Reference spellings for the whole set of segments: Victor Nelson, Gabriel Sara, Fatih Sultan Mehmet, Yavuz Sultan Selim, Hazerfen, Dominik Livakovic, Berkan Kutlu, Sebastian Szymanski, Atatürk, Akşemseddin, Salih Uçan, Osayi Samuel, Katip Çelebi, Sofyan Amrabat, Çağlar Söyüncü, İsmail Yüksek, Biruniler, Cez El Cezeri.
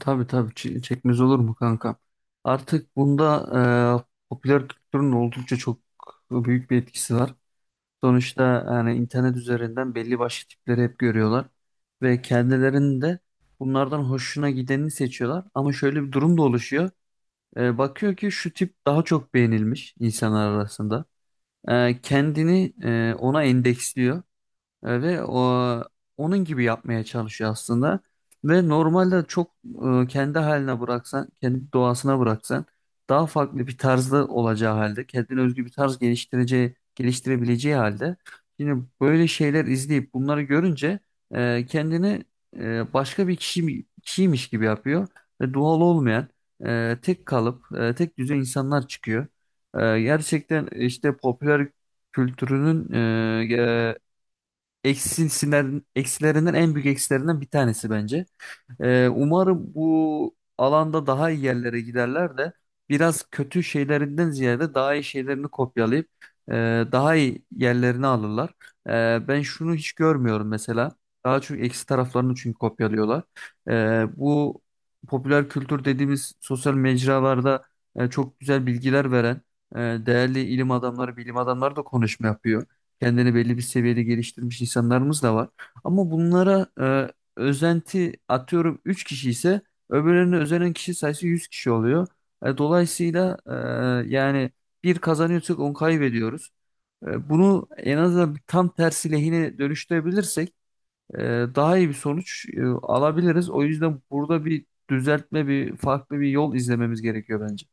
Tabii tabii çekmez olur mu kanka? Artık bunda popüler kültürün oldukça çok büyük bir etkisi var. Sonuçta yani internet üzerinden belli başlı tipleri hep görüyorlar ve kendilerinin de bunlardan hoşuna gideni seçiyorlar. Ama şöyle bir durum da oluşuyor. Bakıyor ki şu tip daha çok beğenilmiş insanlar arasında. Kendini ona endeksliyor. Ve onun gibi yapmaya çalışıyor aslında. Ve normalde çok kendi haline bıraksan, kendi doğasına bıraksan daha farklı bir tarzda olacağı halde, kendine özgü bir tarz geliştireceği, geliştirebileceği halde yine böyle şeyler izleyip bunları görünce kendini başka bir kişiymiş gibi yapıyor ve doğal olmayan tek kalıp, tek düze insanlar çıkıyor. Gerçekten işte popüler kültürünün Eksisinden, eksilerinden en büyük eksilerinden bir tanesi bence. Umarım bu alanda daha iyi yerlere giderler de biraz kötü şeylerinden ziyade daha iyi şeylerini kopyalayıp e, daha iyi yerlerini alırlar. Ben şunu hiç görmüyorum mesela. Daha çok eksi taraflarını çünkü kopyalıyorlar. Bu popüler kültür dediğimiz sosyal mecralarda çok güzel bilgiler veren e, değerli ilim adamları, bilim adamları da konuşma yapıyor. Kendini belli bir seviyede geliştirmiş insanlarımız da var. Ama bunlara özenti atıyorum 3 kişi ise öbürlerine özenen kişi sayısı 100 kişi oluyor. Dolayısıyla yani bir kazanıyorsak 10 kaybediyoruz. Bunu en azından tam tersi lehine dönüştürebilirsek e, daha iyi bir sonuç alabiliriz. O yüzden burada bir düzeltme, bir farklı bir yol izlememiz gerekiyor bence.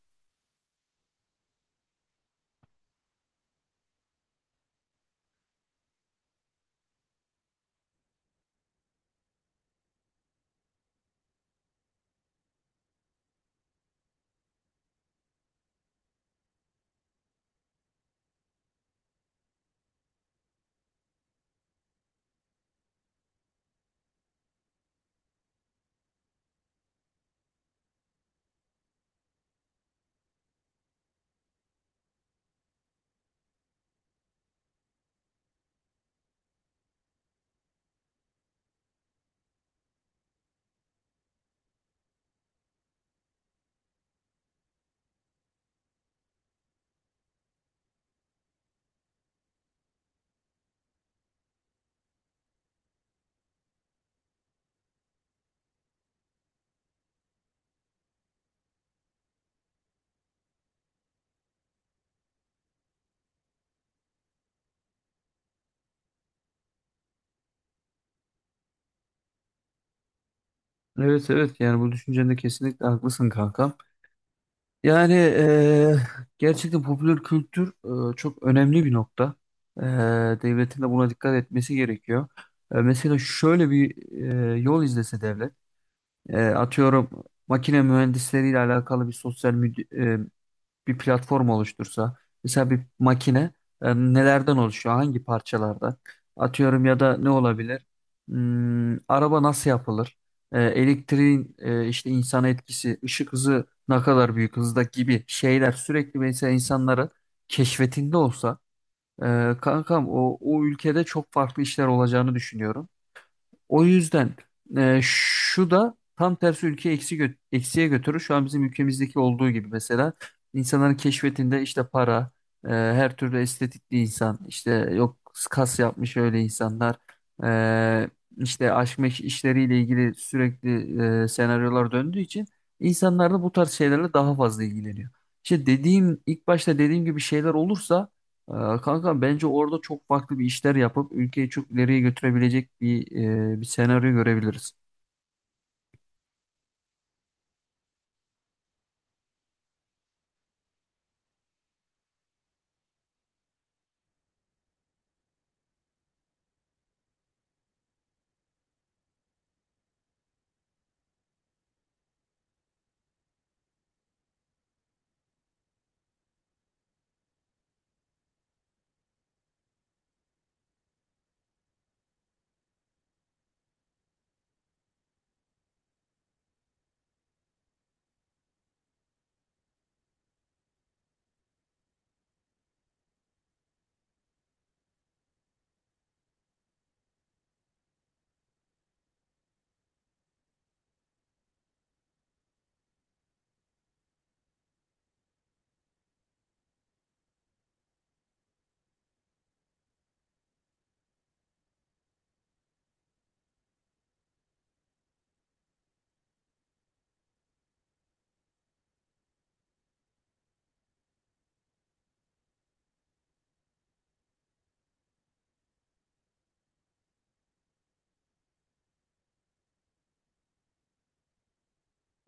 Evet evet, yani bu düşüncende kesinlikle haklısın kanka. Yani gerçekten popüler kültür çok önemli bir nokta. Eee, Devletin de buna dikkat etmesi gerekiyor. Mesela şöyle bir yol izlese devlet, atıyorum makine mühendisleriyle alakalı bir sosyal bir platform oluştursa, mesela bir makine nelerden oluşuyor, hangi parçalardan? Atıyorum ya da ne olabilir? Araba nasıl yapılır? Elektriğin işte insan etkisi, ışık hızı ne kadar büyük hızda gibi şeyler sürekli mesela insanların keşfetinde olsa, kankam o ülkede çok farklı işler olacağını düşünüyorum. O yüzden şu da tam tersi ülkeyi eksiye götürür. Şu an bizim ülkemizdeki olduğu gibi mesela insanların keşfetinde işte para, her türlü estetikli insan, işte yok kas yapmış öyle insanlar, e, işte aşk meşk işleriyle ilgili sürekli senaryolar döndüğü için insanlar da bu tarz şeylerle daha fazla ilgileniyor. İşte dediğim ilk başta dediğim gibi şeyler olursa ee, Kanka bence orada çok farklı bir işler yapıp ülkeyi çok ileriye götürebilecek bir senaryo görebiliriz.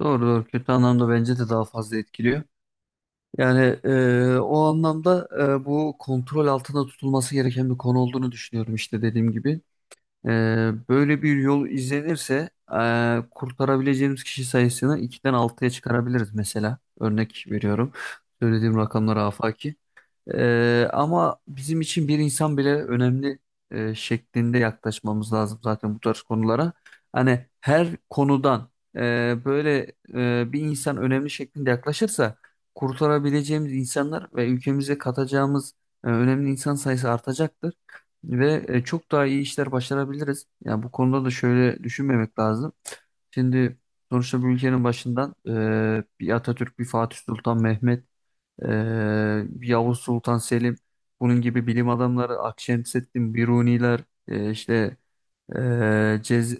Doğru doğru, kötü anlamda bence de daha fazla etkiliyor. Yani o anlamda bu kontrol altında tutulması gereken bir konu olduğunu düşünüyorum işte dediğim gibi. E, Böyle bir yol izlenirse kurtarabileceğimiz kişi sayısını 2'den altıya çıkarabiliriz mesela. Örnek veriyorum. Söylediğim rakamlar afaki. Ama bizim için bir insan bile önemli şeklinde yaklaşmamız lazım zaten bu tarz konulara. Hani her konudan böyle bir insan önemli şeklinde yaklaşırsa kurtarabileceğimiz insanlar ve ülkemize katacağımız önemli insan sayısı artacaktır. Ve çok daha iyi işler başarabiliriz. Yani bu konuda da şöyle düşünmemek lazım. Şimdi sonuçta bu ülkenin başından bir Atatürk, bir Fatih Sultan Mehmet, ee, Yavuz Sultan Selim, bunun gibi bilim adamları Akşemseddin Biruniler, işte Cez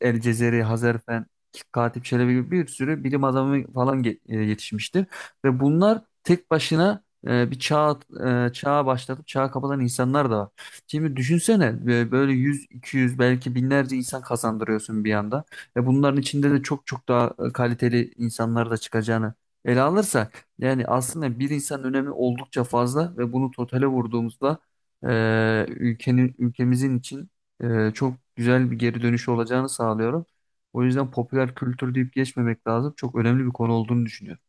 El Cezeri, Hazerfen, Katip Çelebi gibi bir sürü bilim adamı falan yetişmiştir. Ve bunlar tek başına bir çağa başlatıp çağı kapatan insanlar da var. Şimdi düşünsene böyle 100, 200 belki binlerce insan kazandırıyorsun bir anda. Ve bunların içinde de çok çok daha kaliteli insanlar da çıkacağını ele alırsak yani aslında bir insanın önemi oldukça fazla ve bunu totale vurduğumuzda ülkemizin için çok güzel bir geri dönüşü olacağını sağlıyorum. O yüzden popüler kültür deyip geçmemek lazım. Çok önemli bir konu olduğunu düşünüyorum.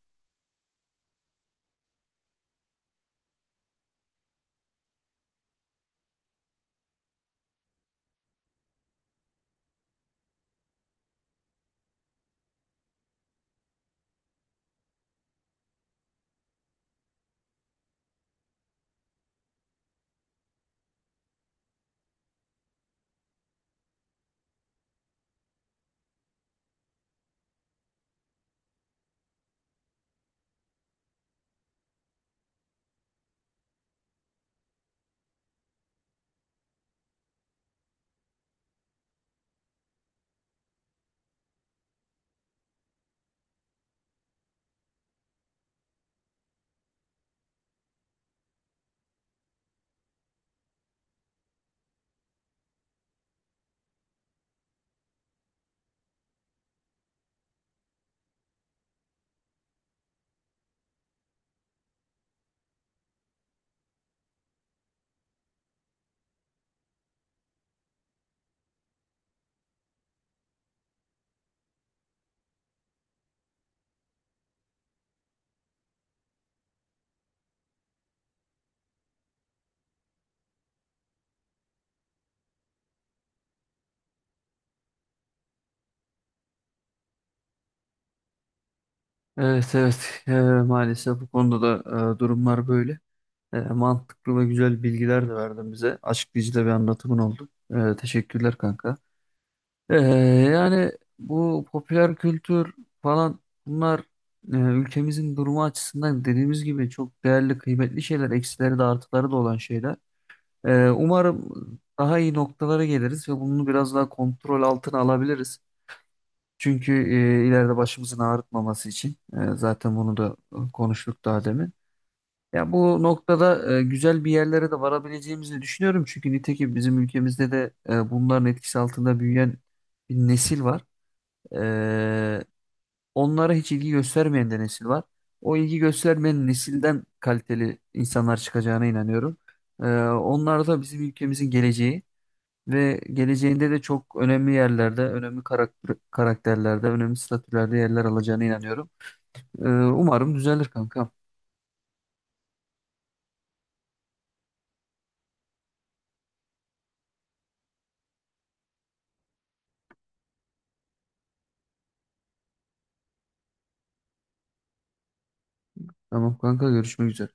Evet evet. Maalesef bu konuda da durumlar böyle. Mantıklı ve güzel bilgiler de verdin bize. Açıklayıcı da bir anlatımın oldu. Teşekkürler kanka. E, Yani bu popüler kültür falan bunlar ülkemizin durumu açısından dediğimiz gibi çok değerli, kıymetli şeyler. Eksileri de artıları da olan şeyler. Umarım daha iyi noktalara geliriz ve bunu biraz daha kontrol altına alabiliriz. Çünkü ileride başımızın ağrıtmaması için zaten bunu da konuştuk daha demin. Ya bu noktada güzel bir yerlere de varabileceğimizi düşünüyorum. Çünkü nitekim bizim ülkemizde de bunların etkisi altında büyüyen bir nesil var. E, Onlara hiç ilgi göstermeyen de nesil var. O ilgi göstermeyen nesilden kaliteli insanlar çıkacağına inanıyorum. Onlar da bizim ülkemizin geleceği. Ve geleceğinde de çok önemli yerlerde, önemli karakterlerde, önemli statülerde yerler alacağına inanıyorum. Umarım düzelir kankam. Tamam kanka, görüşmek üzere.